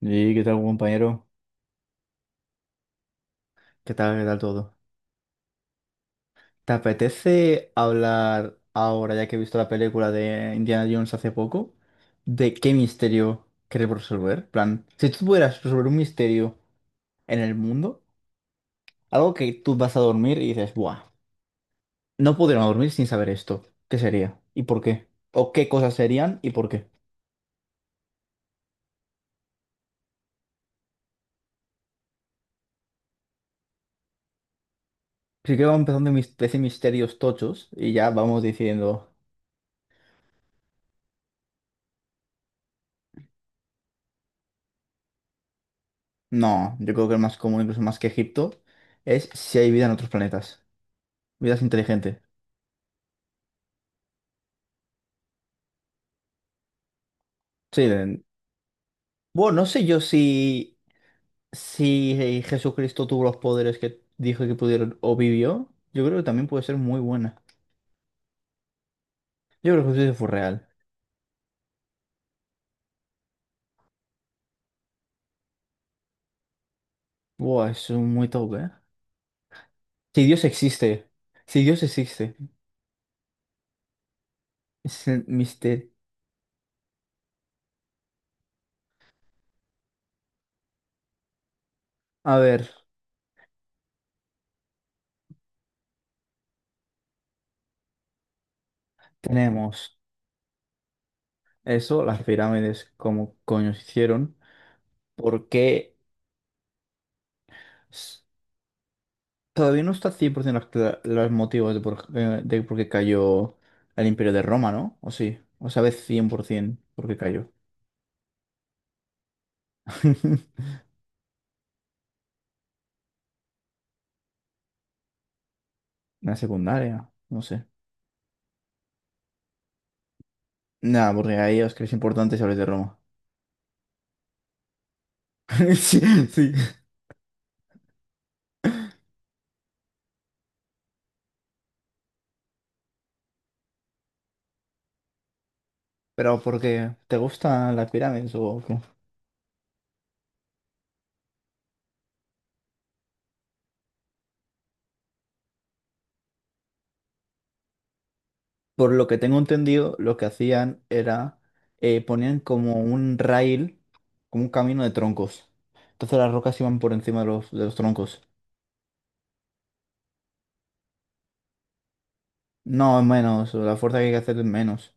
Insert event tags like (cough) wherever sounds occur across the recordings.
Sí, ¿qué tal, compañero? Qué tal todo? ¿Te apetece hablar ahora, ya que he visto la película de Indiana Jones hace poco, de qué misterio queremos resolver? Plan, si tú pudieras resolver un misterio en el mundo, algo que tú vas a dormir y dices, ¡buah! No podríamos dormir sin saber esto. ¿Qué sería? ¿Y por qué? ¿O qué cosas serían y por qué? Así que vamos empezando mis 13 misterios tochos y ya vamos diciendo, no, yo creo que el más común, incluso más que Egipto, es si hay vida en otros planetas. Vidas inteligentes. Sí, bueno, no sé yo si Jesucristo tuvo los poderes que dijo que pudieron o vivió. Yo creo que también puede ser muy buena. Yo creo que Jesucristo fue real. Buah, eso es muy top, ¿eh? Si Dios existe. Si Dios existe. Es el misterio. A ver, tenemos eso, las pirámides, cómo coño se hicieron. ¿Por qué? Todavía no está 100% los motivos de por qué cayó el Imperio de Roma, ¿no? ¿O sí? ¿O sabes 100% por ciento por qué cayó? (laughs) La secundaria, no sé. Nada, porque ahí os creéis importantes y habláis de Roma. (laughs) Sí, sí. ¿Pero porque te gustan las pirámides o qué? Por lo que tengo entendido, lo que hacían era ponían como un rail, como un camino de troncos. Entonces las rocas iban por encima de los troncos. No, es menos, la fuerza que hay que hacer es menos.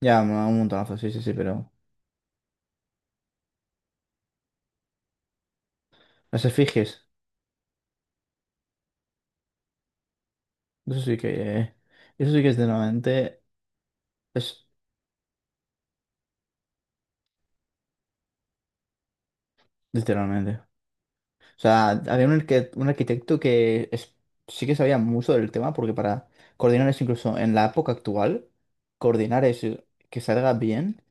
Ya, me da un montonazo, sí, sí, sí, pero las efigies, eso sí que, eh, eso sí que es literalmente, es literalmente. O sea, había un arquitecto sí que sabía mucho del tema, porque para coordinar eso, incluso en la época actual, coordinar eso que salga bien,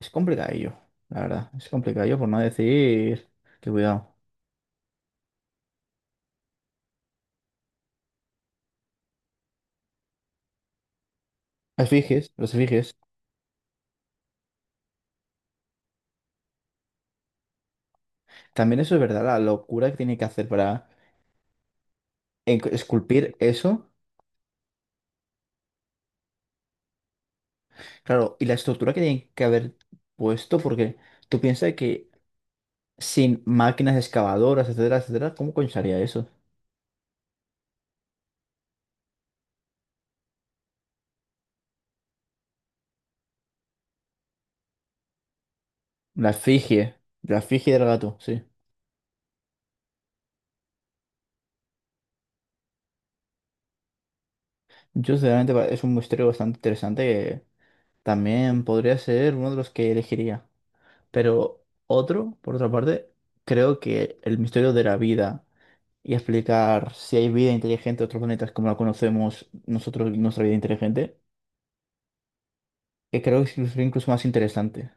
es complicadillo, la verdad, es complicadillo por no decir que cuidado. Las efigies, los efigies, también eso es verdad, la locura que tiene que hacer para esculpir eso. Claro, y la estructura que tienen que haber puesto, porque tú piensas que sin máquinas excavadoras, etcétera, etcétera, ¿cómo coño se haría eso? La efigie, la efigie del gato, sí. Yo sinceramente es un misterio bastante interesante que también podría ser uno de los que elegiría. Pero otro, por otra parte, creo que el misterio de la vida y explicar si hay vida inteligente en otros planetas como la conocemos nosotros, nuestra vida inteligente, que creo que es incluso más interesante.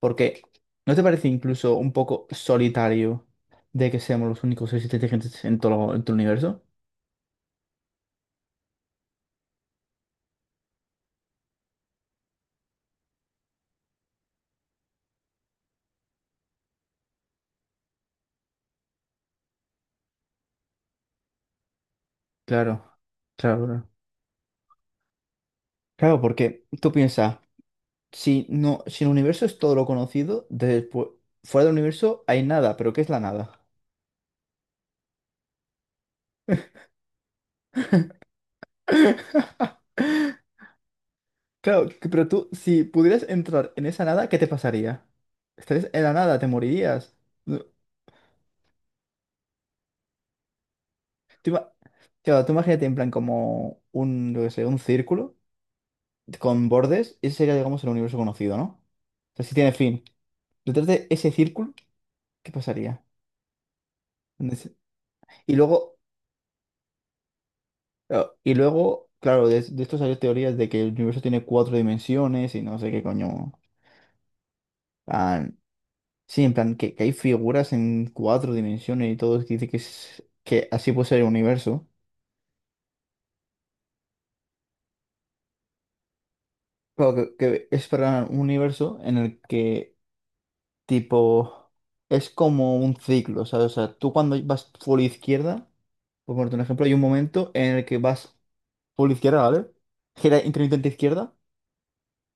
Porque, ¿no te parece incluso un poco solitario de que seamos los únicos seres inteligentes en todo el universo? Claro, claro, claro. Claro, porque tú piensas, si no, si el universo es todo lo conocido, después, fuera del universo hay nada, pero ¿qué es la nada? (laughs) Claro, que- pero tú, si pudieras entrar en esa nada, ¿qué te pasaría? Estarías en la nada, te morirías. No, Tú, ima- claro, tú imagínate en plan como un, yo qué sé, un círculo, con bordes, ese sería, digamos, el universo conocido, ¿no? O sea, si tiene fin. Detrás de ese círculo, ¿qué pasaría? ¿Dónde se- Y luego, y luego, claro, de esto salió teorías de que el universo tiene cuatro dimensiones y no sé qué coño. Plan- sí, en plan, que hay figuras en cuatro dimensiones y todo, que dice que, es, que así puede ser el universo. Claro, que es para un universo en el que, tipo, es como un ciclo, ¿sabes? O sea, tú cuando vas por la izquierda. Por ponerte un ejemplo, hay un momento en el que vas por la izquierda, ¿vale? Gira intermitente izquierda,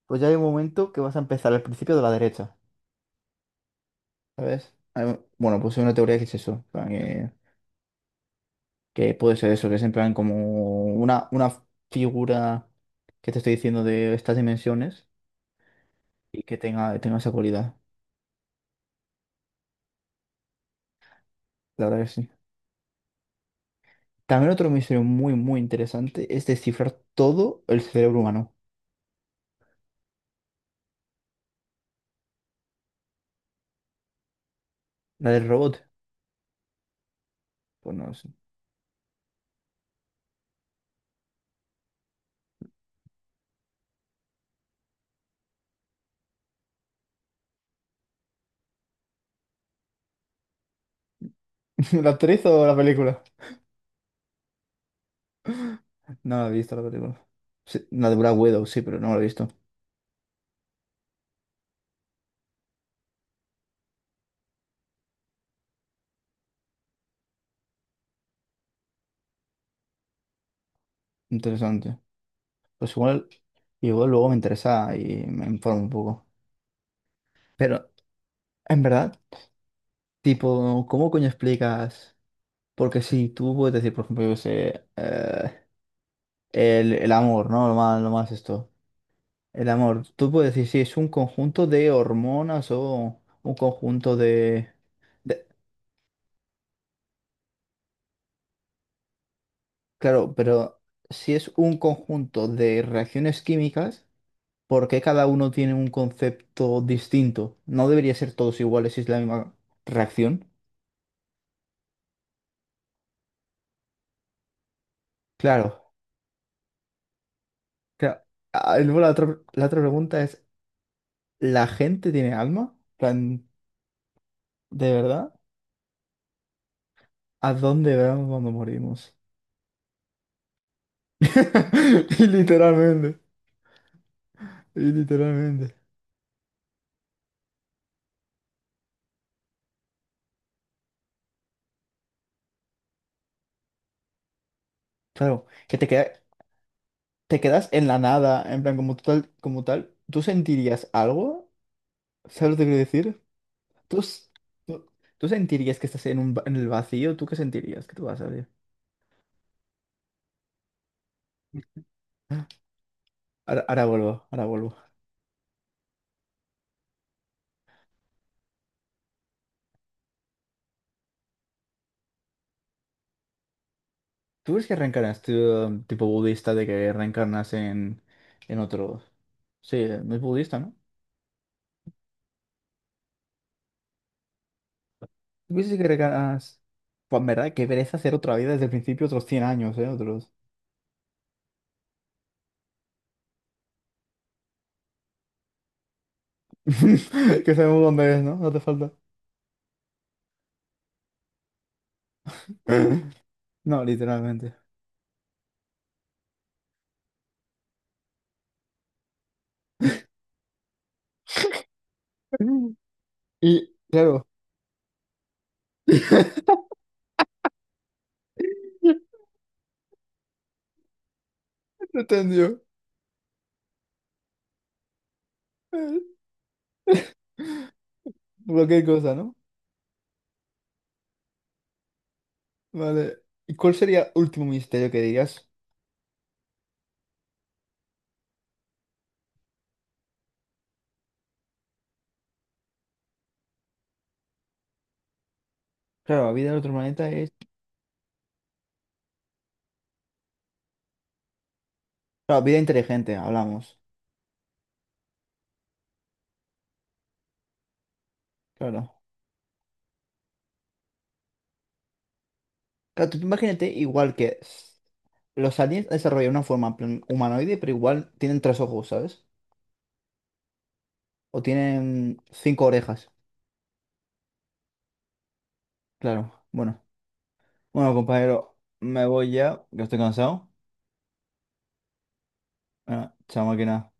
pues ya hay un momento que vas a empezar al principio de la derecha, ¿sabes? Bueno, pues hay una teoría que es eso, en plan, que puede ser eso, que es en plan como una figura que te estoy diciendo de estas dimensiones y que tenga esa cualidad, la verdad que sí. También otro misterio muy, muy interesante es descifrar todo el cerebro humano. ¿La del robot? Pues no sé. (laughs) ¿La actriz o la película? No la he visto la película. Sí, la de Black Widow, sí, pero no la he visto. Interesante. Pues igual, igual luego me interesa y me informo un poco. Pero, en verdad, tipo, ¿cómo coño explicas? Porque si tú puedes decir, por ejemplo, yo qué sé, el amor, ¿no? Lo más esto. El amor. Tú puedes decir, sí, es un conjunto de hormonas o un conjunto de... de... Claro, pero si es un conjunto de reacciones químicas. ¿Por qué cada uno tiene un concepto distinto? ¿No debería ser todos iguales si es la misma reacción? Claro. Claro. Ah, y luego la otra pregunta es, ¿la gente tiene alma? En plan, ¿de verdad? ¿A dónde vamos cuando morimos? (laughs) Y literalmente, y literalmente. Claro, que te quedas en la nada, en plan, como tal, ¿tú sentirías algo? ¿Sabes lo que quiero decir? ¿Tú, s- tú- ¿Tú sentirías que estás en el vacío? ¿Tú qué sentirías? ¿Qué tú vas a ver? Ahora vuelvo, ahora vuelvo. ¿Tú ves que reencarnas, tú, tipo budista, de que reencarnas en otro? Sí, no es budista, ¿no? ¿Tú crees que reencarnas? Pues en verdad, qué pereza hacer otra vida desde el principio, otros 100 años, ¿eh? Otros. (laughs) Que sabemos dónde es, ¿no? No te falta. (laughs) No, literalmente. Y, claro. (laughs) No entendió. Cualquier cosa, ¿no? Vale. ¿Y cuál sería último misterio que dirías? Claro, la vida en otro planeta es... Claro, vida inteligente, hablamos. Claro. Claro, tú imagínate igual que los aliens desarrollan una forma en plan humanoide, pero igual tienen tres ojos, ¿sabes? O tienen cinco orejas, claro. Bueno, bueno, compañero, me voy ya, que estoy cansado. Bueno, chao máquina.